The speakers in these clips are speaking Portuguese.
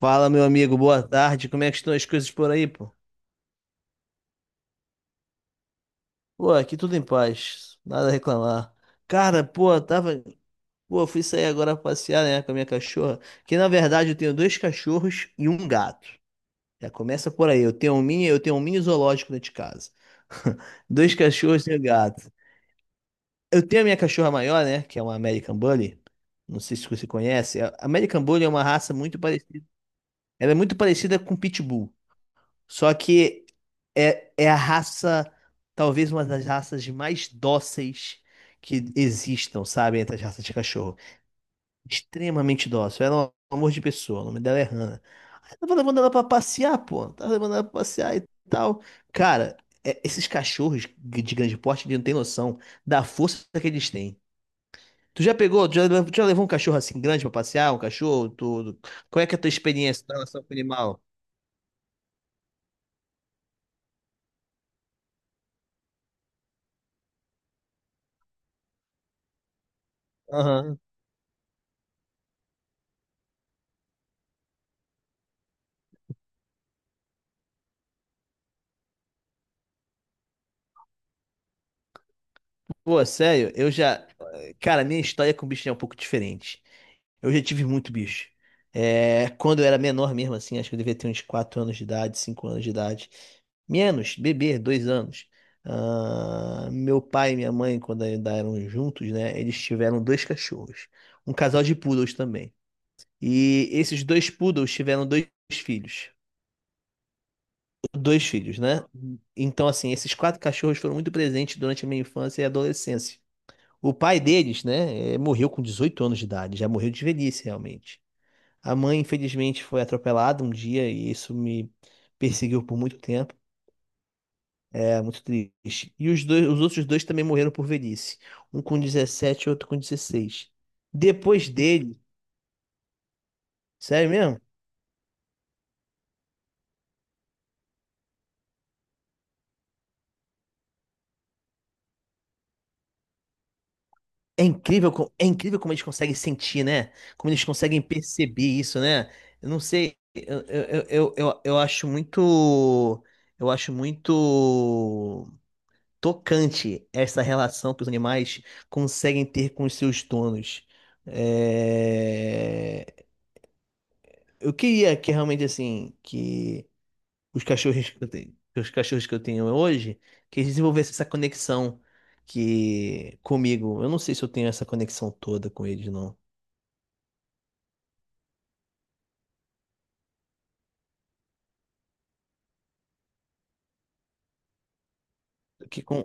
Fala, meu amigo, boa tarde. Como é que estão as coisas por aí, pô? Pô, aqui tudo em paz, nada a reclamar. Cara, pô, tava. Pô, eu fui sair agora pra passear, né, com a minha cachorra. Que na verdade eu tenho dois cachorros e um gato. Já começa por aí. Eu tenho um mini zoológico dentro de casa. Dois cachorros e um gato. Eu tenho a minha cachorra maior, né, que é uma American Bully. Não sei se você conhece. A American Bully é uma raça muito parecida. Ela é muito parecida com Pitbull. Só que é a raça, talvez uma das raças mais dóceis que existam, sabe? Entre as raças de cachorro. Extremamente dócil. Ela é um amor de pessoa. O nome dela é Hannah. Aí tava levando ela pra passear, pô. Tava levando ela pra passear e tal. Cara, esses cachorros de grande porte, eles não têm noção da força que eles têm. Tu já pegou, tu já, le- tu já levou um cachorro assim grande pra passear? Um cachorro, tudo? Qual é que é a tua experiência em relação com o animal? Aham. Pô, sério, eu já. Cara, minha história com bicho é um pouco diferente. Eu já tive muito bicho. É, quando eu era menor mesmo, assim, acho que eu devia ter uns 4 anos de idade, 5 anos de idade. Menos, bebê, 2 anos. Ah, meu pai e minha mãe, quando ainda eram juntos, né? Eles tiveram dois cachorros. Um casal de poodles também. E esses dois poodles tiveram dois filhos. Dois filhos, né? Então, assim, esses quatro cachorros foram muito presentes durante a minha infância e adolescência. O pai deles, né, morreu com 18 anos de idade, já morreu de velhice, realmente. A mãe, infelizmente, foi atropelada um dia e isso me perseguiu por muito tempo. É muito triste. E os dois, os outros dois também morreram por velhice. Um com 17, e outro com 16. Depois dele, sério mesmo? É incrível, é incrível como eles conseguem sentir, né? Como eles conseguem perceber isso, né? Eu não sei, eu acho muito. Eu acho muito tocante essa relação que os animais conseguem ter com os seus donos. É, eu queria que realmente assim que os cachorros que eu tenho, que os cachorros que eu tenho hoje, que eles desenvolvessem essa conexão que comigo. Eu não sei se eu tenho essa conexão toda com eles, não. Que com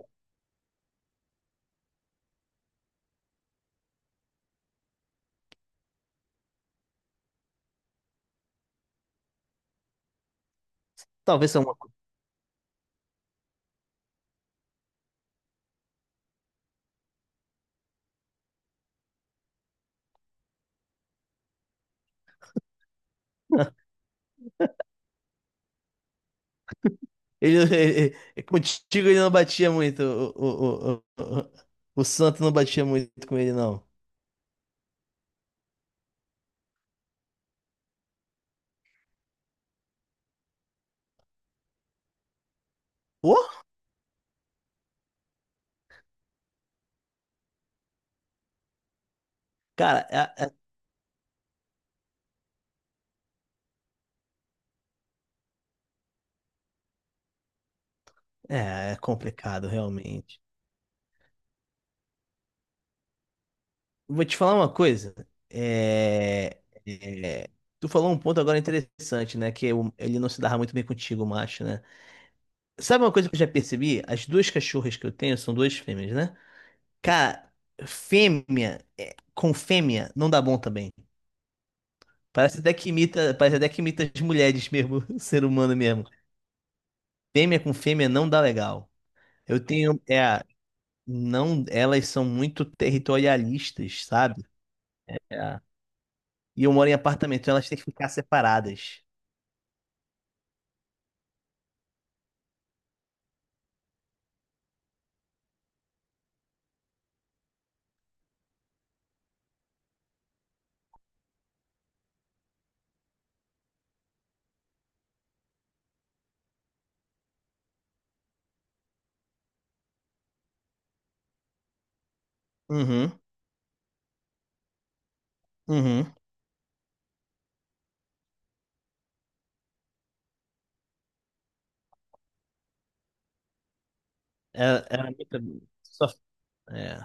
talvez é uma coisa. Contigo ele não batia muito. O santo não batia muito com ele, não. Ô, cara, é, é complicado, realmente. Vou te falar uma coisa. É, é, tu falou um ponto agora interessante, né? Que ele não se dava muito bem contigo, o macho, né? Sabe uma coisa que eu já percebi? As duas cachorras que eu tenho são duas fêmeas, né? Cara, fêmea é, com fêmea não dá bom também. Parece até que imita, parece até que imita as mulheres mesmo, o ser humano mesmo. Fêmea com fêmea não dá legal. Eu tenho, é, não, elas são muito territorialistas, sabe? É. E eu moro em apartamento, então elas têm que ficar separadas. Uhum, uhum. Era, era muito- só- é,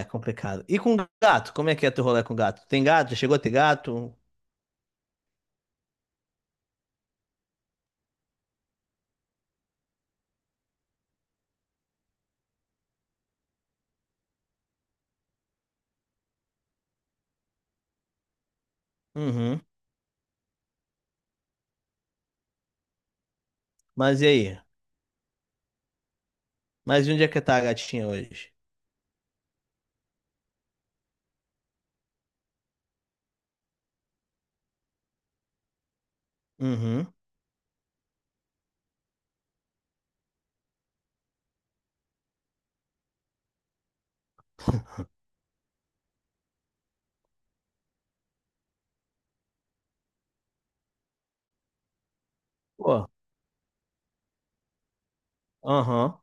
é complicado. E com gato? Como é que é teu rolê com gato? Tem gato? Já chegou a ter gato? Uhum. Mas e aí? Mas e onde é que tá a gatinha hoje? Uhum. Pô, aham.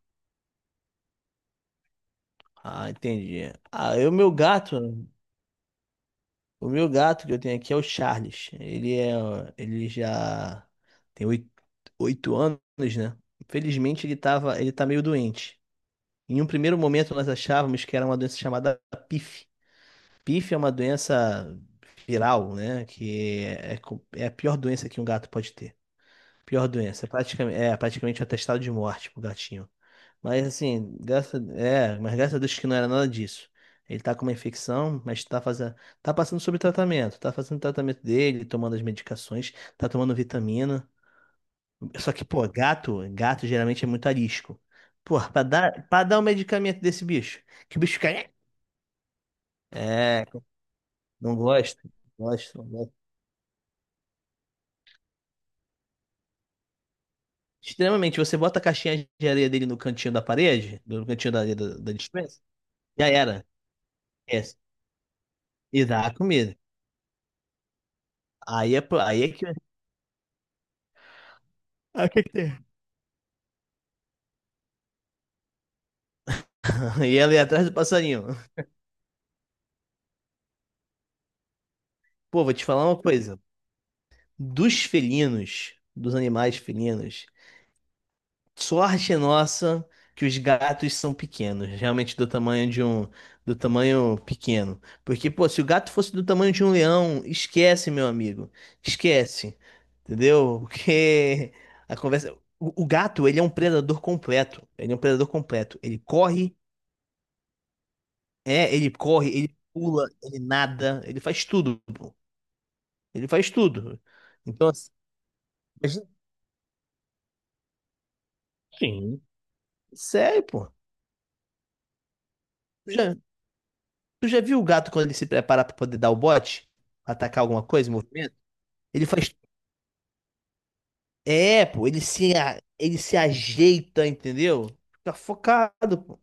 Ah, entendi. Ah, eu, meu gato, o meu gato que eu tenho aqui é o Charles. Ele é, ele já tem oito, 8 anos, né? Infelizmente ele tava, ele tá meio doente. Em um primeiro momento, nós achávamos que era uma doença chamada PIF. PIF é uma doença viral, né? Que é, é a pior doença que um gato pode ter. Pior doença. Praticamente, é praticamente um atestado de morte pro gatinho. Mas assim, mas graças a Deus que não era nada disso. Ele tá com uma infecção, mas tá fazendo, tá passando sobre tratamento, tá fazendo o tratamento dele, tomando as medicações, tá tomando vitamina. Só que, pô, gato, gato geralmente é muito arisco. Pô, pra dar um medicamento desse bicho, que o bicho fica. É, não gosto, não gosto, não gosto. Extremamente, você bota a caixinha de areia dele no cantinho da parede, no cantinho da areia da, da despensa, já era. É, e dá a comida. Aí é, pro- aí é que. Ah, o que que tem? Aí ela ia atrás do passarinho. Pô, vou te falar uma coisa. Dos felinos, dos animais felinos, sorte nossa que os gatos são pequenos, realmente do tamanho de um, do tamanho pequeno. Porque, pô, se o gato fosse do tamanho de um leão, esquece, meu amigo. Esquece. Entendeu? Porque a conversa. o gato, ele é um predador completo. Ele é um predador completo. Ele corre, é, ele corre, ele pula, ele nada, ele faz tudo, pô. Ele faz tudo. Então, assim, imagina- sim. Sério, pô. Tu já viu o gato quando ele se prepara pra poder dar o bote? Atacar alguma coisa, movimento? Ele faz. É, pô, ele se ajeita, entendeu? Fica focado, pô.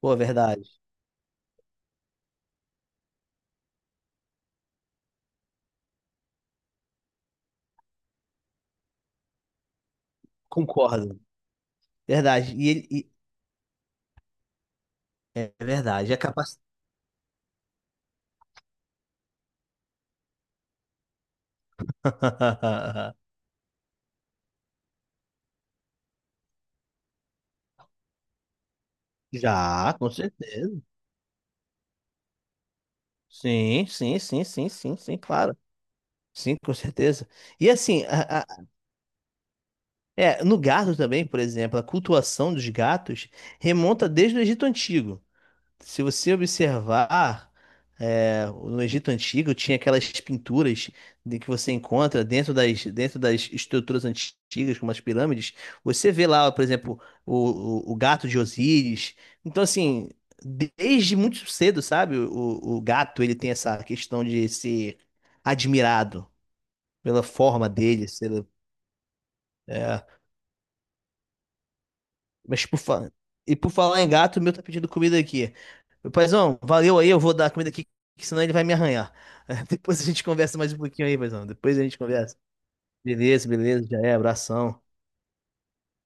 Pô, é verdade. Concordo. Verdade. E ele. E- É verdade. É capaz. Já, com certeza. Sim, sim, sim, sim, sim, sim, claro. Sim, com certeza. E assim, a- é, no gato também, por exemplo, a cultuação dos gatos remonta desde o Egito Antigo. Se você observar, é, no Egito Antigo tinha aquelas pinturas de que você encontra dentro das estruturas antigas, como as pirâmides. Você vê lá, por exemplo, o gato de Osíris. Então, assim, desde muito cedo, sabe? O gato, ele tem essa questão de ser admirado pela forma dele, pela, é. Mas por fa... E por falar em gato, o meu tá pedindo comida aqui. Meu paizão, valeu aí, eu vou dar comida aqui, que senão ele vai me arranhar. Depois a gente conversa mais um pouquinho aí, paizão. Depois a gente conversa. Beleza, beleza, já é, abração.